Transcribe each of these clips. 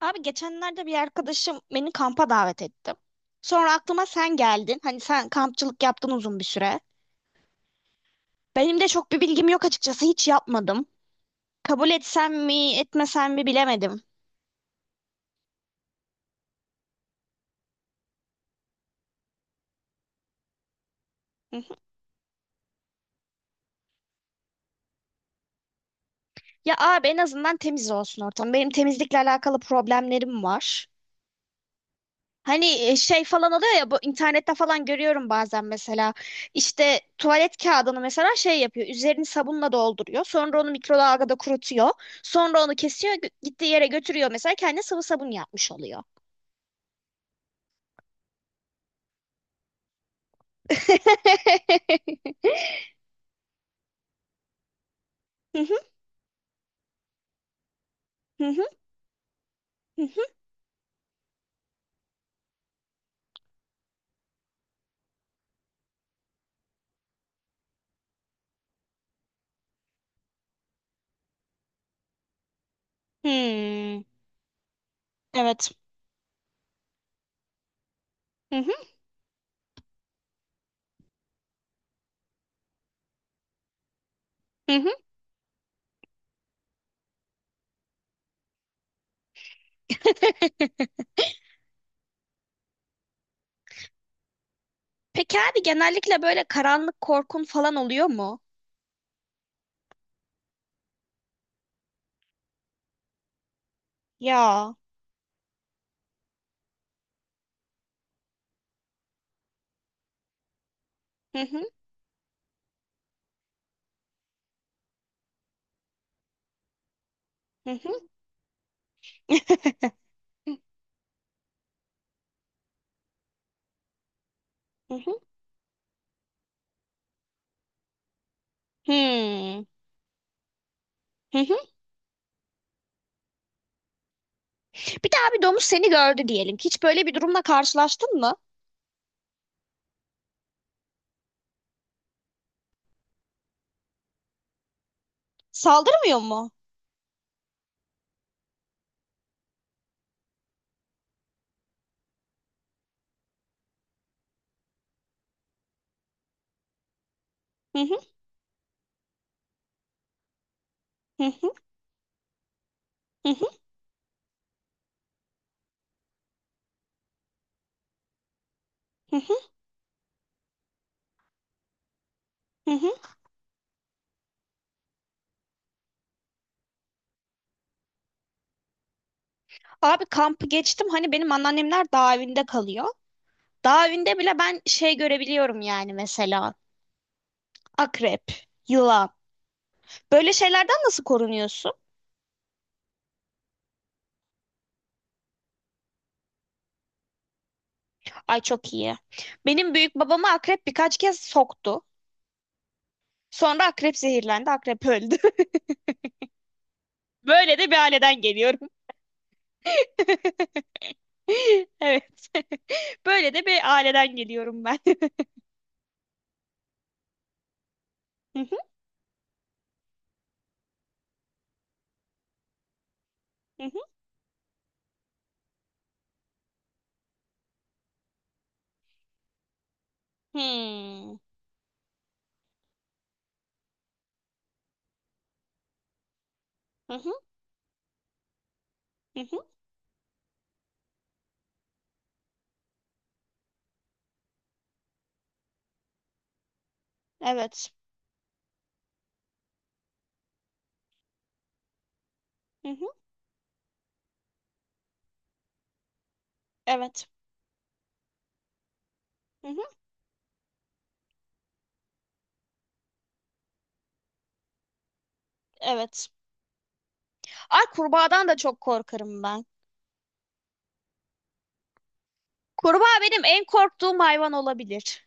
Abi geçenlerde bir arkadaşım beni kampa davet etti. Sonra aklıma sen geldin. Hani sen kampçılık yaptın uzun bir süre. Benim de çok bir bilgim yok açıkçası. Hiç yapmadım. Kabul etsem mi, etmesem mi bilemedim. Hı hı. Ya abi en azından temiz olsun ortam. Benim temizlikle alakalı problemlerim var. Hani şey falan oluyor ya, bu internette falan görüyorum bazen, mesela işte tuvalet kağıdını mesela şey yapıyor, üzerini sabunla dolduruyor, sonra onu mikrodalgada kurutuyor, sonra onu kesiyor, gittiği yere götürüyor, mesela kendi sıvı sabun yapmış oluyor. Hı hı, hı hı, hı hı. Hmm. Evet. Hı hı, hı hı. Peki abi, genellikle böyle karanlık korkun falan oluyor mu? Ya. Hı hı, hı hı. Hı hı. Hmm. Bir daha, bir domuz seni gördü diyelim. Hiç böyle bir durumla karşılaştın mı? Saldırmıyor mu? Hı hı, hı hı, hı hı, hı hı, hı. Abi, kampı geçtim. Hani benim anneannemler dağ evinde kalıyor. Dağ evinde bile ben şey görebiliyorum yani mesela. Akrep, yılan. Böyle şeylerden nasıl korunuyorsun? Ay çok iyi. Benim büyük babamı akrep birkaç kez soktu. Sonra akrep zehirlendi, akrep öldü. Böyle de bir aileden geliyorum. Evet. Böyle de bir aileden geliyorum ben. Hı hı, hı hı. Hmm. Hı hı, hı hı. Evet. Hı hı. Evet. Hı hı. Evet. Ay, kurbağadan da çok korkarım ben. Kurbağa benim en korktuğum hayvan olabilir.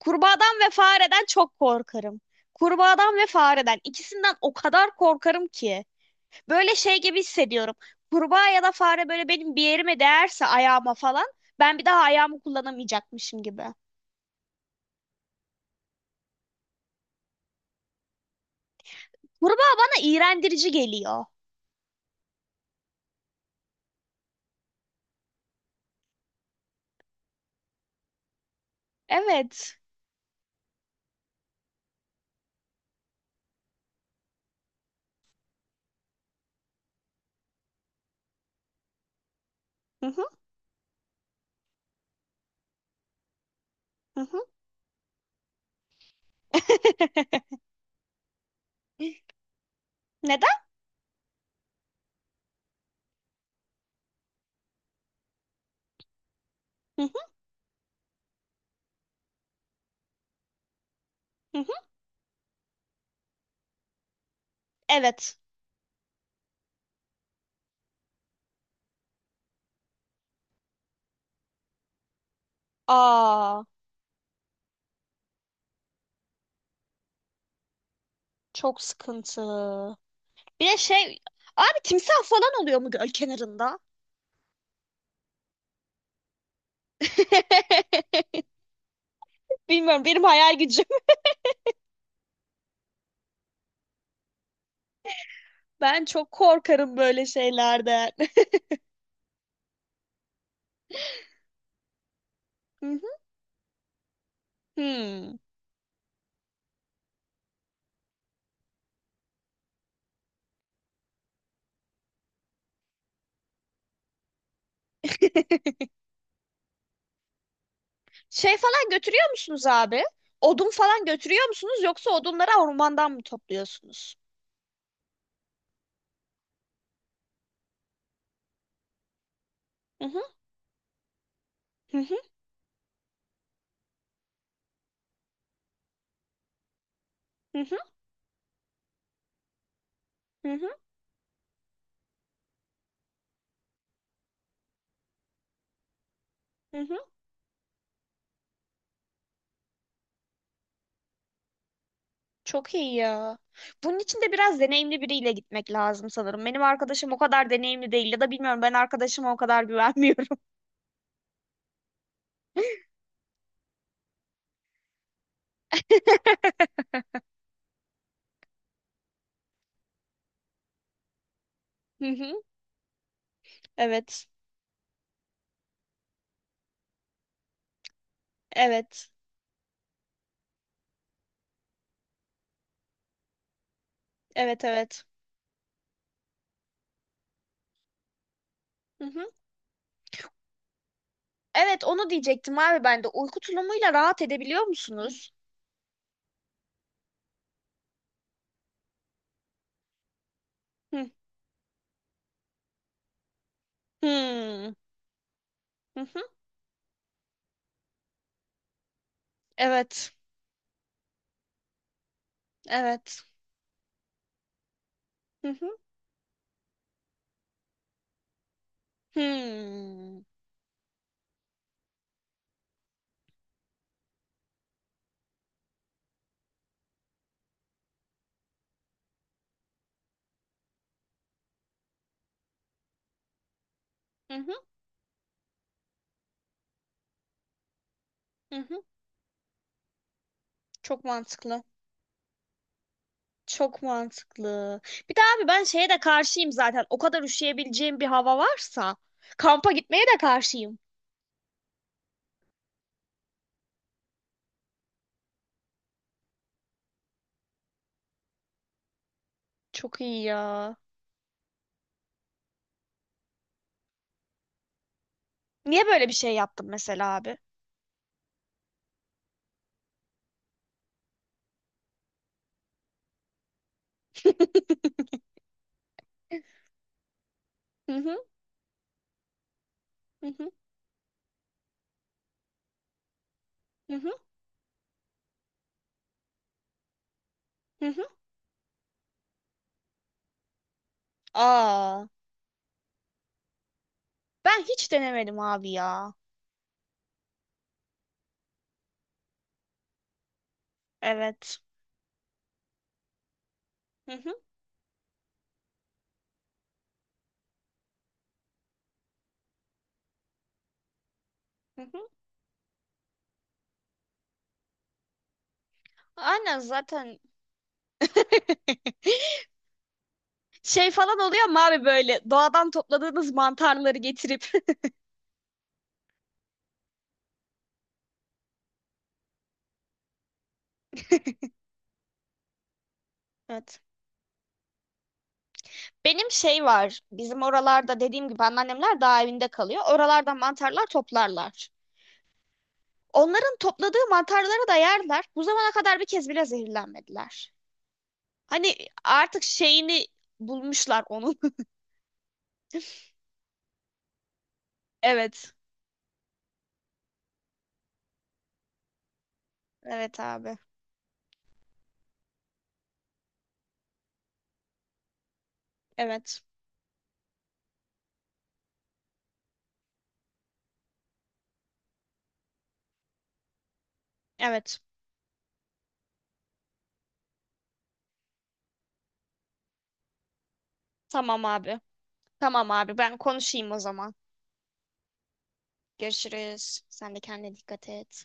Kurbağadan ve fareden çok korkarım. Kurbağadan ve fareden, ikisinden o kadar korkarım ki. Böyle şey gibi hissediyorum. Kurbağa ya da fare böyle benim bir yerime değerse, ayağıma falan, ben bir daha ayağımı kullanamayacakmışım gibi. Kurbağa bana iğrendirici geliyor. Evet. Hı hı, hı hı. Neden? Hı hı, hı hı. Evet. Aa, çok sıkıntı. Bir de şey, abi, timsah falan oluyor mu göl kenarında? Bilmiyorum, benim hayal gücüm. Ben çok korkarım böyle şeylerden. Hı hı. Hmm. Şey falan götürüyor musunuz abi? Odun falan götürüyor musunuz, yoksa odunları ormandan mı topluyorsunuz? Hı hı, hı hı, hı hı, hı hı, hı. Çok iyi ya. Bunun için de biraz deneyimli biriyle gitmek lazım sanırım. Benim arkadaşım o kadar deneyimli değil, ya da bilmiyorum, ben arkadaşıma o kadar güvenmiyorum. Hı hı, evet. Evet. Evet, evet. Hı hı. Evet, onu diyecektim abi ben de. Uyku tulumuyla rahat edebiliyor musunuz? Hı. Hmm. Hı hı. Evet. Evet. Hı hı. Hmm. Hı hı, hı hı. Çok mantıklı. Çok mantıklı. Bir de abi, ben şeye de karşıyım zaten. O kadar üşüyebileceğim bir hava varsa kampa gitmeye de karşıyım. Çok iyi ya. Niye böyle bir şey yaptım mesela abi? Hı hı, hı hı, hı hı, hı hı. Aa, ben hiç denemedim abi ya. Evet. Hı hı, hı hı. Aynen zaten. Şey falan oluyor ama abi, böyle doğadan topladığınız mantarları getirip. Evet. Benim şey var. Bizim oralarda dediğim gibi anneannemler dağ evinde kalıyor. Oralardan mantarlar toplarlar. Onların topladığı mantarları da yerler. Bu zamana kadar bir kez bile zehirlenmediler. Hani artık şeyini bulmuşlar onun. Evet. Evet abi. Evet. Evet. Tamam abi. Tamam abi, ben konuşayım o zaman. Görüşürüz. Sen de kendine dikkat et.